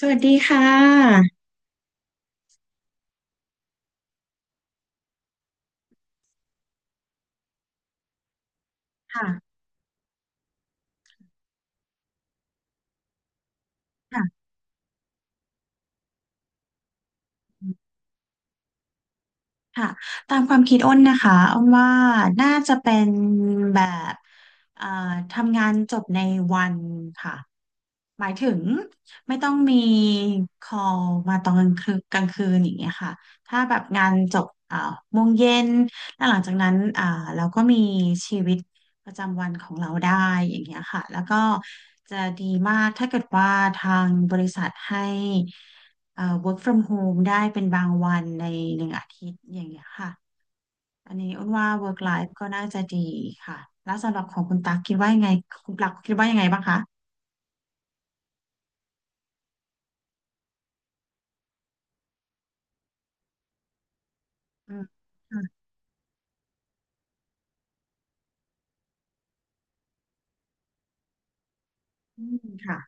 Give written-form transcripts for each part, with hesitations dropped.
สวัสดีค่ะค่ะค่ะ ค่ะตามความคิดอ้นนะคะอ้นว่าน่าจะเป็นแบบเอ่อทำงานจบในวันค่ะหมายถึงไม่ต้องมี call มาตอนกลางคืนกลางคืนอย่างเงี้ยค่ะถ้าแบบงานจบโมงเย็นแล้วหลังจากนั้นเราก็มีชีวิตประจำวันของเราได้อย่างเงี้ยค่ะแล้วก็จะดีมากถ้าเกิดว่าทางบริษัทให้work from home ได้เป็น ในหนึ่งอาทิตย์อย่างเงี้ยค่ะ อันนี้อ้นว่า work life ก็น่าจะดีค่ะ แล้วสำหรับของคุณตั๊กคิดว่ายังไง คุณตั๊กคิดว่ายังไงบ้างคะอืมค่ะอืมค่ะ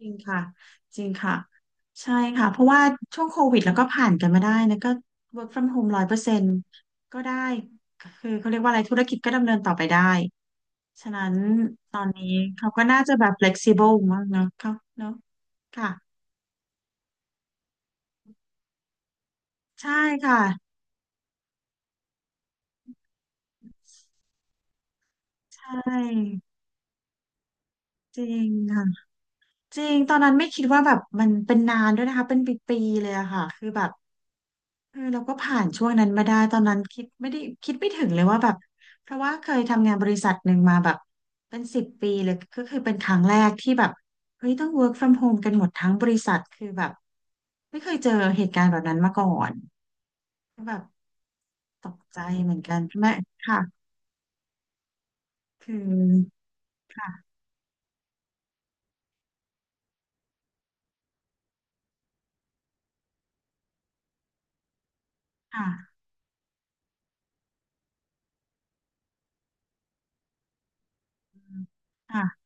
จริงค่ะ จริงค่ะ ใช่ค่ะ เพราะว่าช่วงโควิดแล้วก็ผ่านกันมาได้นะก็ work from home ร้อยเปอร์เซ็นต์ก็ได้ คือเขาเรียกว่าอะไรธุรกิจก็ดำเนินต่อไปได้ ฉะนั้นเขาก็น่าจะแบบ flexible มากเนอะเขาเนอะค่ะใช่ค่ะใช่จริงค่ะ จริงตอนนั้นไม่คิดว่าแบบมันเป็นนานด้วยนะคะเป็นปีๆเลยอะค่ะคือแบบเออเราก็ผ่านช่วงนั้นมาได้ตอนนั้นคิดไม่ได้คิดไม่ถึงเลยว่าแบบเพราะว่าเคยทำงานบริษัทหนึ่งมาแบบเป็นสิบปีเลยก็คือเป็นครั้งแรกที่แบบเฮ้ยต้อง work from home กันหมดทั้งบริษัทคือแบบไม่เคยเจอเหตุการณ์แบบนั้นมาก่อนก็แบบตกใจเหมือนกันแม่ค่ะคือค่ะค่ะค่ะ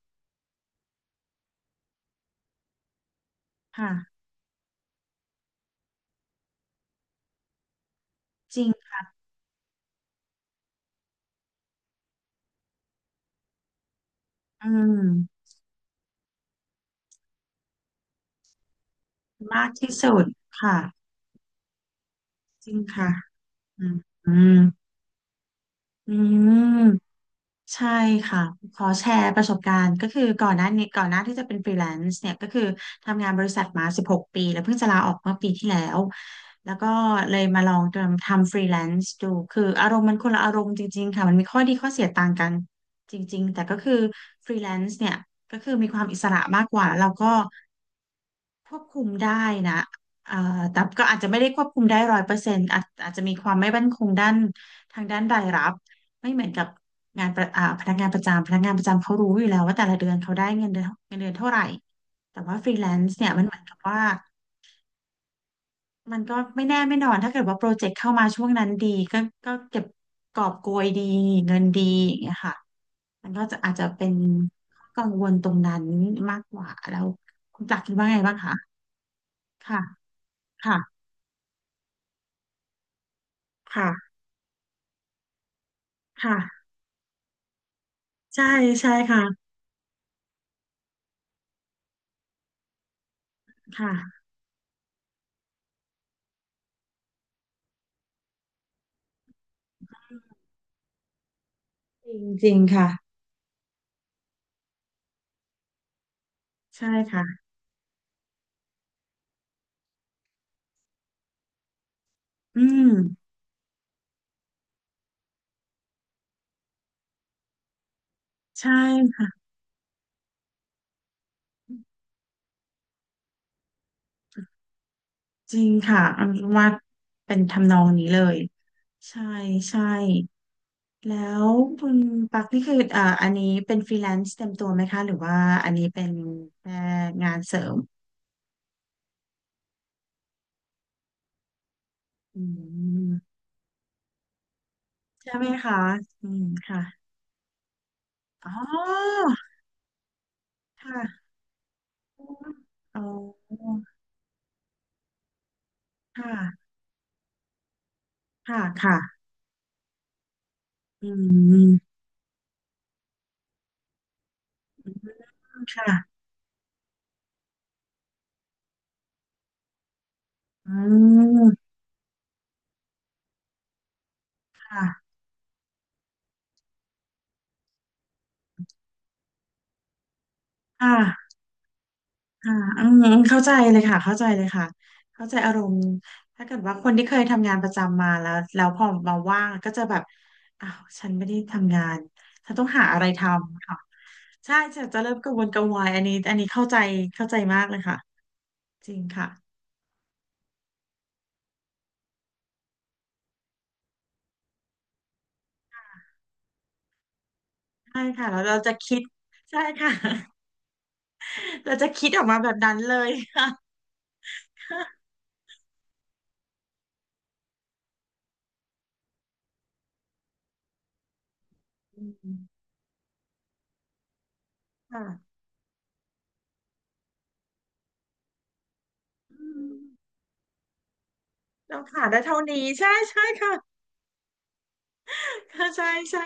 ค่ะจริงอืมมากที่สุดค่ะ จริงค่ะอืมอืมอืมใช่ค่ะ ขอแชร์ประสบการณ์ก็คือก่อนหน้านี้ก่อนหน้าที่จะเป็นฟรีแลนซ์เนี่ยก็คือทำงานบริษัทมา16ปีแล้วเพิ่งจะลาออกเมื่อปีที่แล้ว แล้วก็เลยมาลองทำฟรีแลนซ์ดูคืออารมณ์มันคนละอารมณ์จริงๆค่ะมันมีข้อดีข้อเสียต่างกันจริงๆ แต่ก็คือฟรีแลนซ์เนี่ยก็คือมีความอิสระมากกว่าแล้วเราก็ ควบคุมได้นะเอ่อแต่ก็อาจจะไม่ได้ควบคุมได้ร้อยเปอร์เซ็นต์อาจจะมีความไม่มั่นคงด้านทางด้านรายรับไม่เหมือนกับงานประอ่าพนักงานประจำพนักงานประจำเขารู้อยู่แล้วว่าแต่ละเดือนเขาได้เงินเดือนเท่าไหร่แต่ว่าฟรีแลนซ์เนี่ยมันเหมือนกับว่ามันก็ไม่แน่ไม่นอนถ้าเกิดว่าโปรเจกต์เข้ามาช่วงนั้นดีก็ก็เก็บกอบโกยดีเงินดีอย่างเงี้ยค่ะมันก็จะอาจจะเป็นข้อกังวลตรงนั้นมากกว่าแล้วคุณจักรคิดว่าไงบ้างคะค่ะค่ะ ค่ะค่ะใช่ใช่ค่ะค่ะ จริงจริงค่ะ ใช่ค่ะอืมใช่ค่ะจริงค่ะอันว่าเป็นทำนองนี้เลยใช่ใช่แล้วคุณปักนี่คืออันนี้เป็นฟรีแลนซ์เต็มตัวไหมคะหรือว่าอันนี้เป็นแค่งานเสริมอืมใช่ไหมคะอืมค่ะ อ๋อ ค่ะอ๋อ ค่ะค่ะค่ะอืมค่ะ อืมค่ะค่ะค่ะอืมเข้าใจเลยค่ะเข้าใจเลยค่ะเข้าใจอารมณ์ถ้าเกิดว่าคนที่เคยทำงานประจำมาแล้วแล้วพอมาว่างก็จะแบบอ้าวฉันไม่ได้ทำงานฉันต้องหาอะไรทำค่ะใช่จะเริ่มกังวลกังวายอันนี้อันนี้เข้าใจเข้าใจมากเลยค่ะจริงค่ะใช่ค่ะแล้วเราจะคิดใช่ค่ะ เราจะคิดออกมาแบบนั้นเลยค่ะ อืมค่ะอืมเราขาดได้เท่านี้ใช่ใช่ค่ะ ค่ะใช่ใช่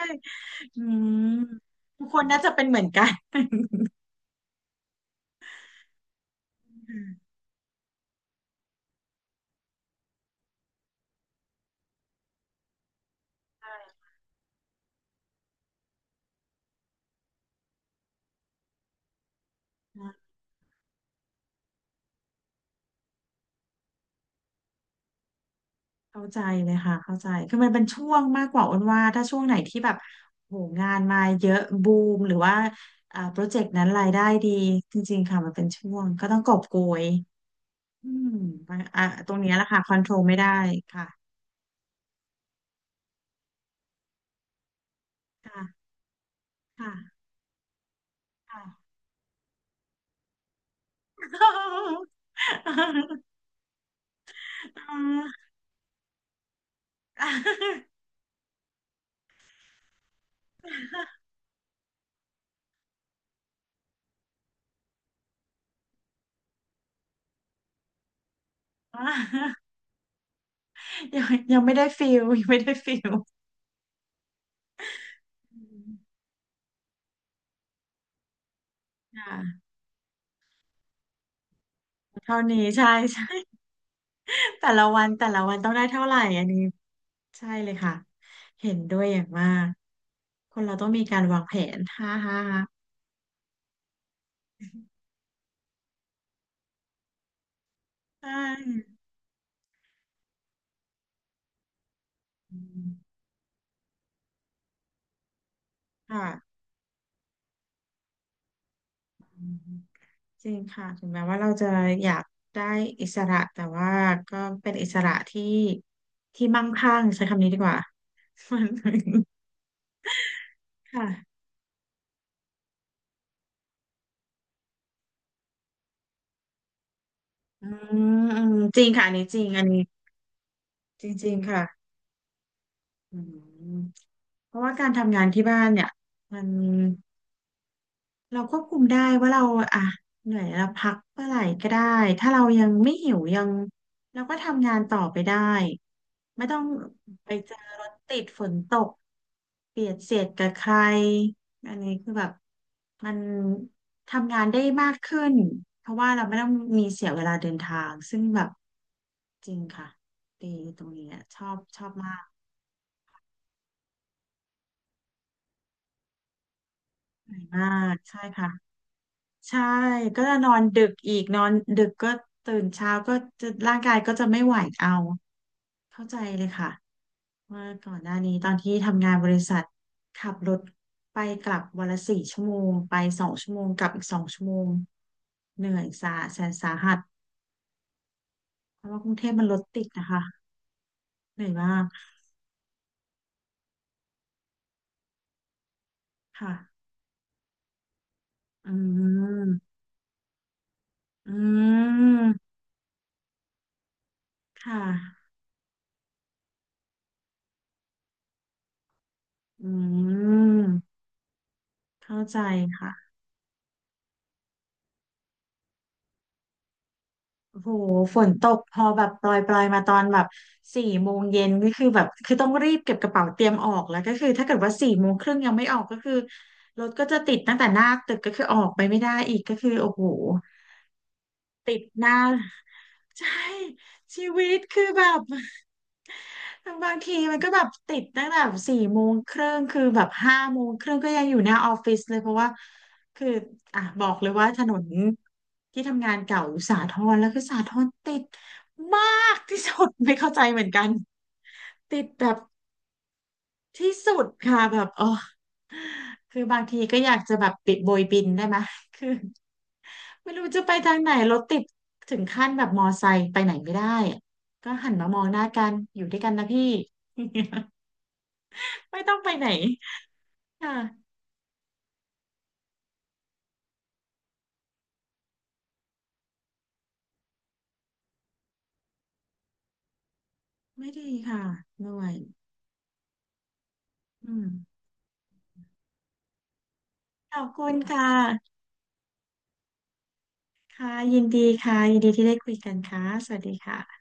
อืมทุกคนน่าจะเป็นเหมือนกัน เข้าใจเลยค่ะเข้าใจคือมันเป็นช่วงมากกว่าอ้นว่าถ้าช่วงไหนที่แบบโหงานมาเยอะบูมหรือว่าโปรเจกต์นั้นรายได้ดีจริงๆค่ะมันเป็นช่วงก็ต้องกอบโกยอืมอ่ะตรงเนี้ยแหละค่ะคอนโทรลไม่ได้ค่ะค่ะค่ะค่ะ อ่ายังยังไม่ได้ฟิลยังไม่ได้ฟิลค่ะ เท่านี้ใช่ใช่ แต่ละวันแต่ละวันต้องได้เท่าไหร่อันนี้ใช่เลยค่ะเห็นด้วยอย่างมากคนเราต้องมีการวางแผนฮ่าฮ่าฮ่าใช่อืมค่ะอืมจริงค่ะถึงแม้ว่าเราจะอยากได้อิสระแต่ว่าก็เป็นอิสระที่ที่มั่งคั่งใช้คำนี้ดีกว่า ค่ะอืมอืมจริงค่ะอันนี้จริงอันนี้จริงๆค่ะอืมเพราะว่าการทำงานที่บ้านเนี่ยมัน เราควบคุมได้ว่าเราอ่ะเหนื่อยเราพักเมื่อไหร่ก็ได้ถ้าเรายังไม่หิวยังเราก็ทำงานต่อไปได้ไม่ต้องไปเจอรถติดฝนตกเบียดเสียดกับใครอันนี้คือแบบมันทำงานได้มากขึ้นเพราะว่าเราไม่ต้องมีเสียเวลาเดินทางซึ่งแบบจริงค่ะดีตรงนี้อะชอบมากเหนื่อยมากใช่ค่ะ ใช่ก็จะนอนดึกอีกนอนดึกก็ตื่นเช้าก็จะร่างกายก็จะไม่ไหวเอาเข้าใจเลยค่ะว่าก่อนหน้านี้ตอนที่ทำงานบริษัทขับรถไปกลับวันละ4 ชั่วโมงไปสองชั่วโมงกลับอีกสองชั่วโมงเหนื่อยสาแสนสาหัสเพราะว่ากรุงเทพมันรถติดนะคะเหนื่อยมากค่ะอืมอืมค่ะอืมเข้าใจค่ะ โอ้โหฝนตกพอแบบปลอยมาตอนแบบ4 โมงเย็นก็คือแบบต้องรีบเก็บกระเป๋าเตรียมออกแล้วก็คือถ้าเกิดว่าสี่โมงครึ่งยังไม่ออกก็คือรถก็จะติดตั้งแต่หน้าตึกก็คือออกไปไม่ได้อีกก็คือโอ้โหติดหน้า ใช่ชีวิตคือแบบ บางทีมันก็แบบติดตั้งแต่สี่โมงครึ่งคือแบบ5 โมงครึ่งก็ยังอยู่หน้าออฟฟิศเลยเพราะว่าคืออ่ะบอกเลยว่าถนนที่ทำงานเก่าอยู่สาทรแล้วคือสาทรติดมากที่สุดไม่เข้าใจเหมือนกันติดแบบที่สุดค่ะแบบอ๋อคือบางทีก็อยากจะแบบปิดโบยบินได้ไหมคือไม่รู้จะไปทางไหนรถติดถึงขั้นแบบมอไซค์ไปไหนไม่ได้อะก็หันมามองหน้ากันอยู่ด้วยกันนะพี่ ไม่ต้องไปไหน ค่ะไม่ดีค่ะเหนื่อยอืมขอบคุณค่ะค่ะยินดีค่ะยินดีที่ได้คุยกันค่ะสวัสดีค่ะ